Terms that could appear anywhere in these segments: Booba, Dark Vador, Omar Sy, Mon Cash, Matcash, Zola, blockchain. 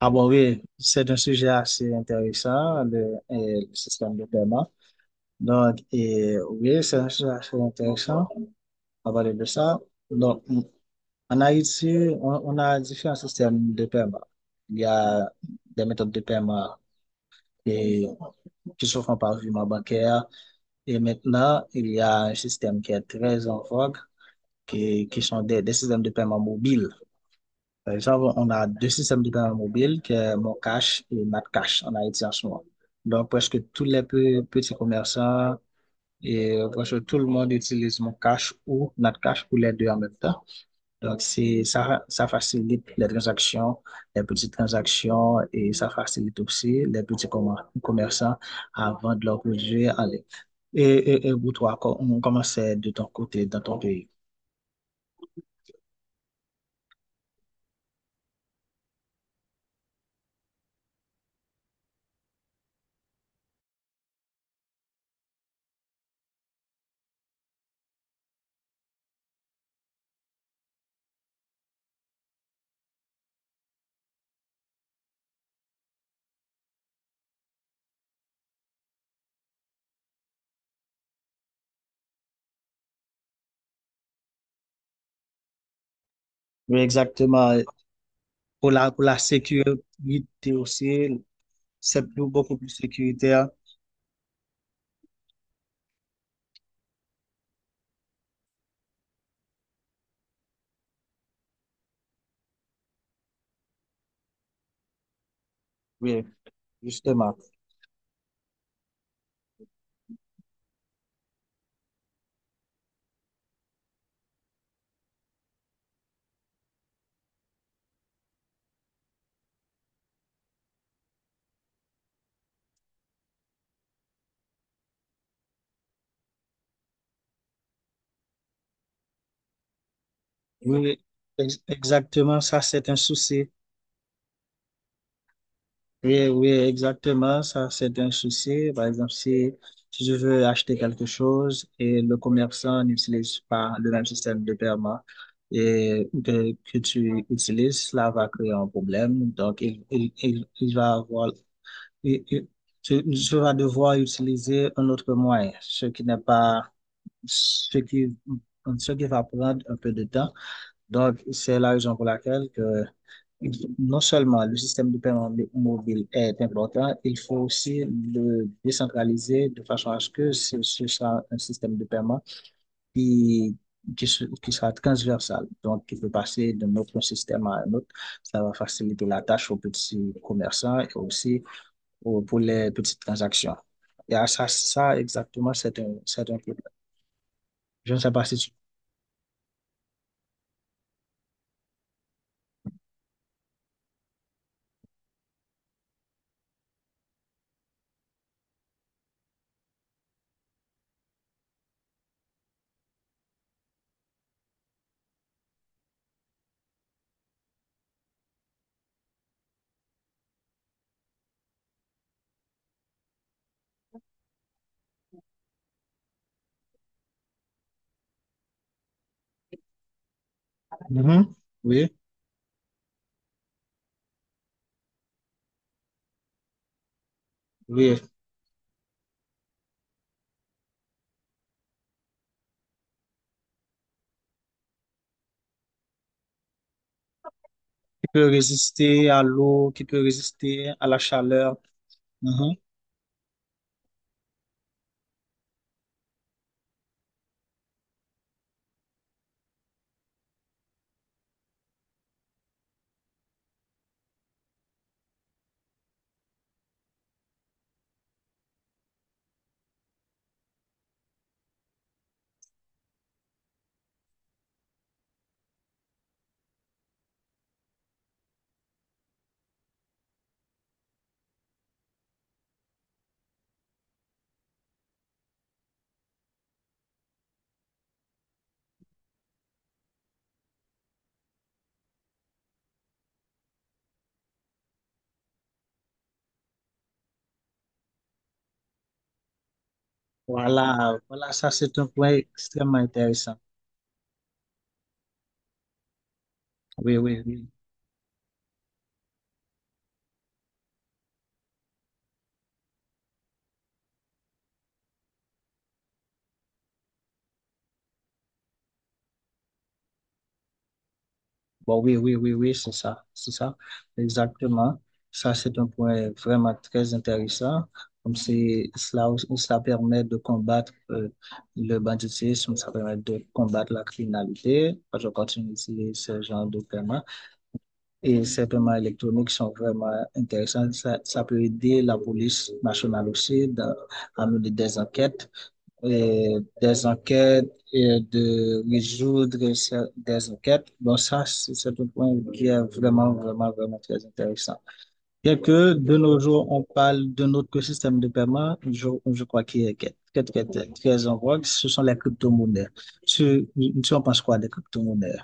Ah bon, oui, c'est un sujet assez intéressant, le système de paiement. Oui, c'est un sujet assez intéressant à parler de ça. Donc, en Haïti, on a différents systèmes de paiement. Il y a des méthodes de paiement et, qui se font par virement bancaire. Et maintenant, il y a un système qui est très en vogue, qui sont des systèmes de paiement mobiles. Par exemple, on a deux systèmes de paiement mobile, qui est Mon Cash et Matcash en Haïti en ce moment. Donc, presque tous les petits commerçants et presque tout le monde utilise Mon Cash ou cash ou les deux en même temps. Ça facilite les transactions, les petites transactions et ça facilite aussi les petits commerçants à vendre leurs produits en ligne. Et, et pour toi, on commence de ton côté, dans ton pays. Oui, exactement. Pour la sécurité aussi. Beaucoup plus sécuritaire. Oui, justement. Oui, exactement, ça, c'est un souci. Oui, oui, exactement, ça, c'est un souci. Par exemple, si je veux acheter quelque chose et le commerçant n'utilise pas le même système de paiement que tu utilises, cela va créer un problème. Donc, il va avoir, il- il- tu vas devoir utiliser un autre moyen, ce qui n'est pas ce qui, ce qui va prendre un peu de temps. Donc, c'est la raison pour laquelle que non seulement le système de paiement mobile est important, il faut aussi le décentraliser de façon à ce que ce soit un système de paiement qui, qui, qui sera transversal, donc qui peut passer d'un autre système à un autre. Ça va faciliter la tâche aux petits commerçants et aussi aux, pour les petites transactions. Et à ça, ça exactement, c'est c'est un problème. Je ne sais pas si tu. Mhm. Oui, oui, qui peut résister à l'eau, qui peut résister à la chaleur. Mhm. Voilà, voilà, ça c'est un point extrêmement intéressant. Oui, oui, oui. Bon, oui, oui, oui, oui, c'est ça, exactement. Ça c'est un point vraiment très intéressant. Comme c'est cela, cela permet de combattre le banditisme, ça permet de combattre la criminalité. Je continue ici ce genre de thème. Et ces paiements électroniques sont vraiment intéressants. Ça peut aider la police nationale aussi à mener des enquêtes, et et de résoudre des enquêtes. Donc ça, c'est un point qui est vraiment, vraiment, vraiment très intéressant. Bien que de nos jours, on parle d'un autre système de paiement, je crois qu'il est très, très, très, très en vogue, ce sont les crypto-monnaies. Tu, tu en penses quoi des crypto-monnaies?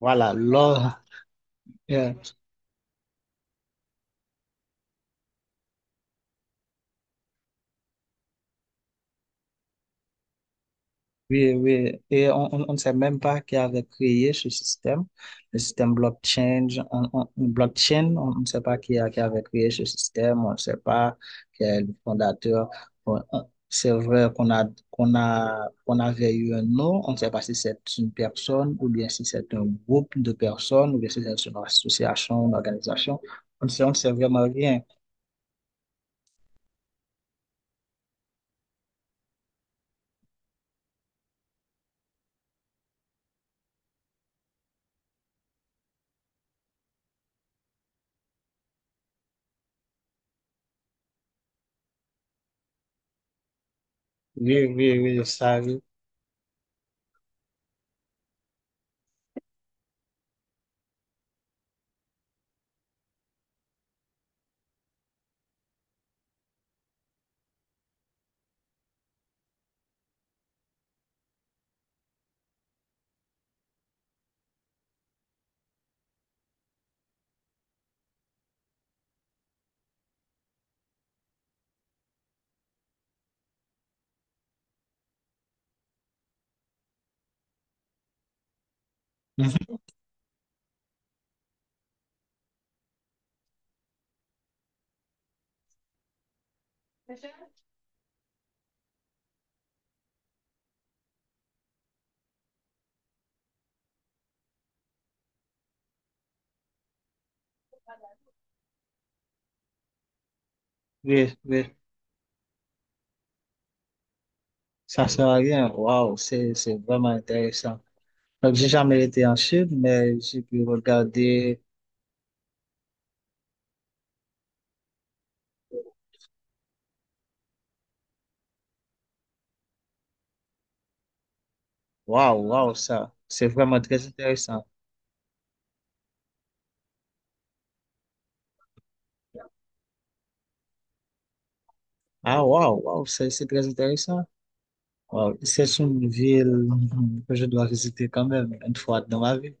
Voilà, l'or. Yeah. Oui, oui, et on ne sait même pas qui avait créé ce système, le système blockchain. Blockchain, on ne sait pas qui avait créé ce système, on ne sait pas qui est le fondateur. C'est vrai qu'on avait eu un nom, on ne sait pas si c'est une personne ou bien si c'est un groupe de personnes ou bien si c'est une association, une organisation. On ne sait vraiment rien. Oui, oui, oui, ça arrive. Oui, oui, ça sert à rien. Waouh, c'est vraiment intéressant. Donc, j'ai jamais été en Chine, mais j'ai pu regarder. Waouh, waouh, ça. C'est vraiment très intéressant. Ah, waouh, waouh, c'est très intéressant. Waouh, c'est une ville que je dois visiter quand même une fois dans ma vie.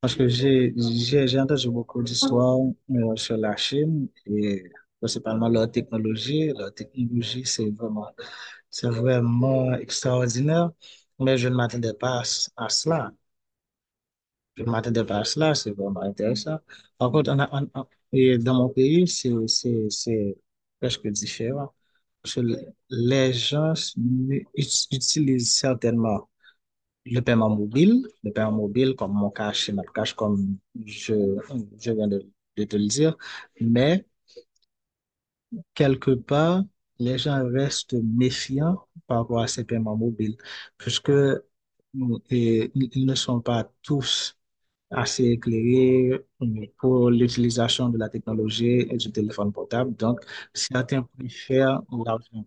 Parce que j'ai entendu beaucoup d'histoires sur la Chine et principalement leur technologie. Leur technologie, c'est vraiment extraordinaire. Mais je ne m'attendais pas à, à cela. ما t'intéresse là, c'est vraiment intéressant. Par contre, et dans mon pays, c'est presque différent. Parce que les gens utilisent certainement le paiement mobile comme mon cash et notre cash, comme je, je viens de te le dire. Mais quelque part, les gens restent méfiants par rapport à ces paiements mobiles, puisque et ils ne sont pas tous assez éclairé euh, pour l'utilisation de la technologie et du téléphone portable. Donc, certains préfèrent l'argent.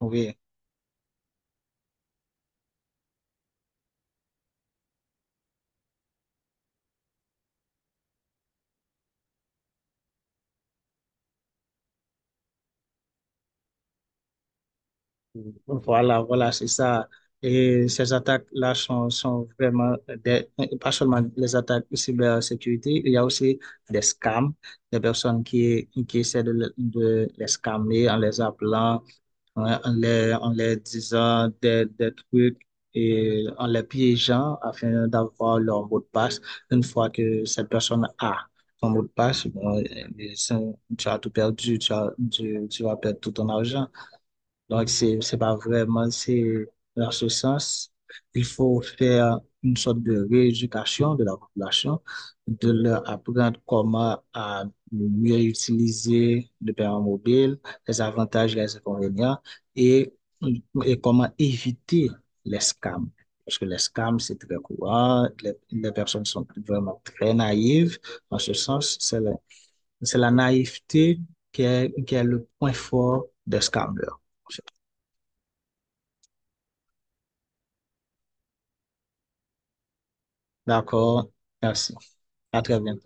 Oui, voilà, voilà, c'est ça. Et ces attaques-là sont vraiment des, pas seulement les attaques de cybersécurité, il y a aussi des scams, des personnes qui essaient de, de les scammer en les appelant. Ouais, en en les disant des trucs et en les piégeant afin d'avoir leur mot de passe. Une fois que cette personne a son mot de passe, bon, et c'est- tu as tout perdu, tu vas perdre tout ton argent. Donc, c'est pas vraiment, c'est dans ce sens, il faut faire une sorte de rééducation de la population, de leur apprendre comment à mieux utiliser le paiement mobile, les avantages, les inconvénients et, et comment éviter les scams. Parce que les scams, c'est très courant, les personnes sont vraiment très naïves. En ce sens, c'est la naïveté qui est le point fort des scammers. D'accord. Merci. À très bientôt.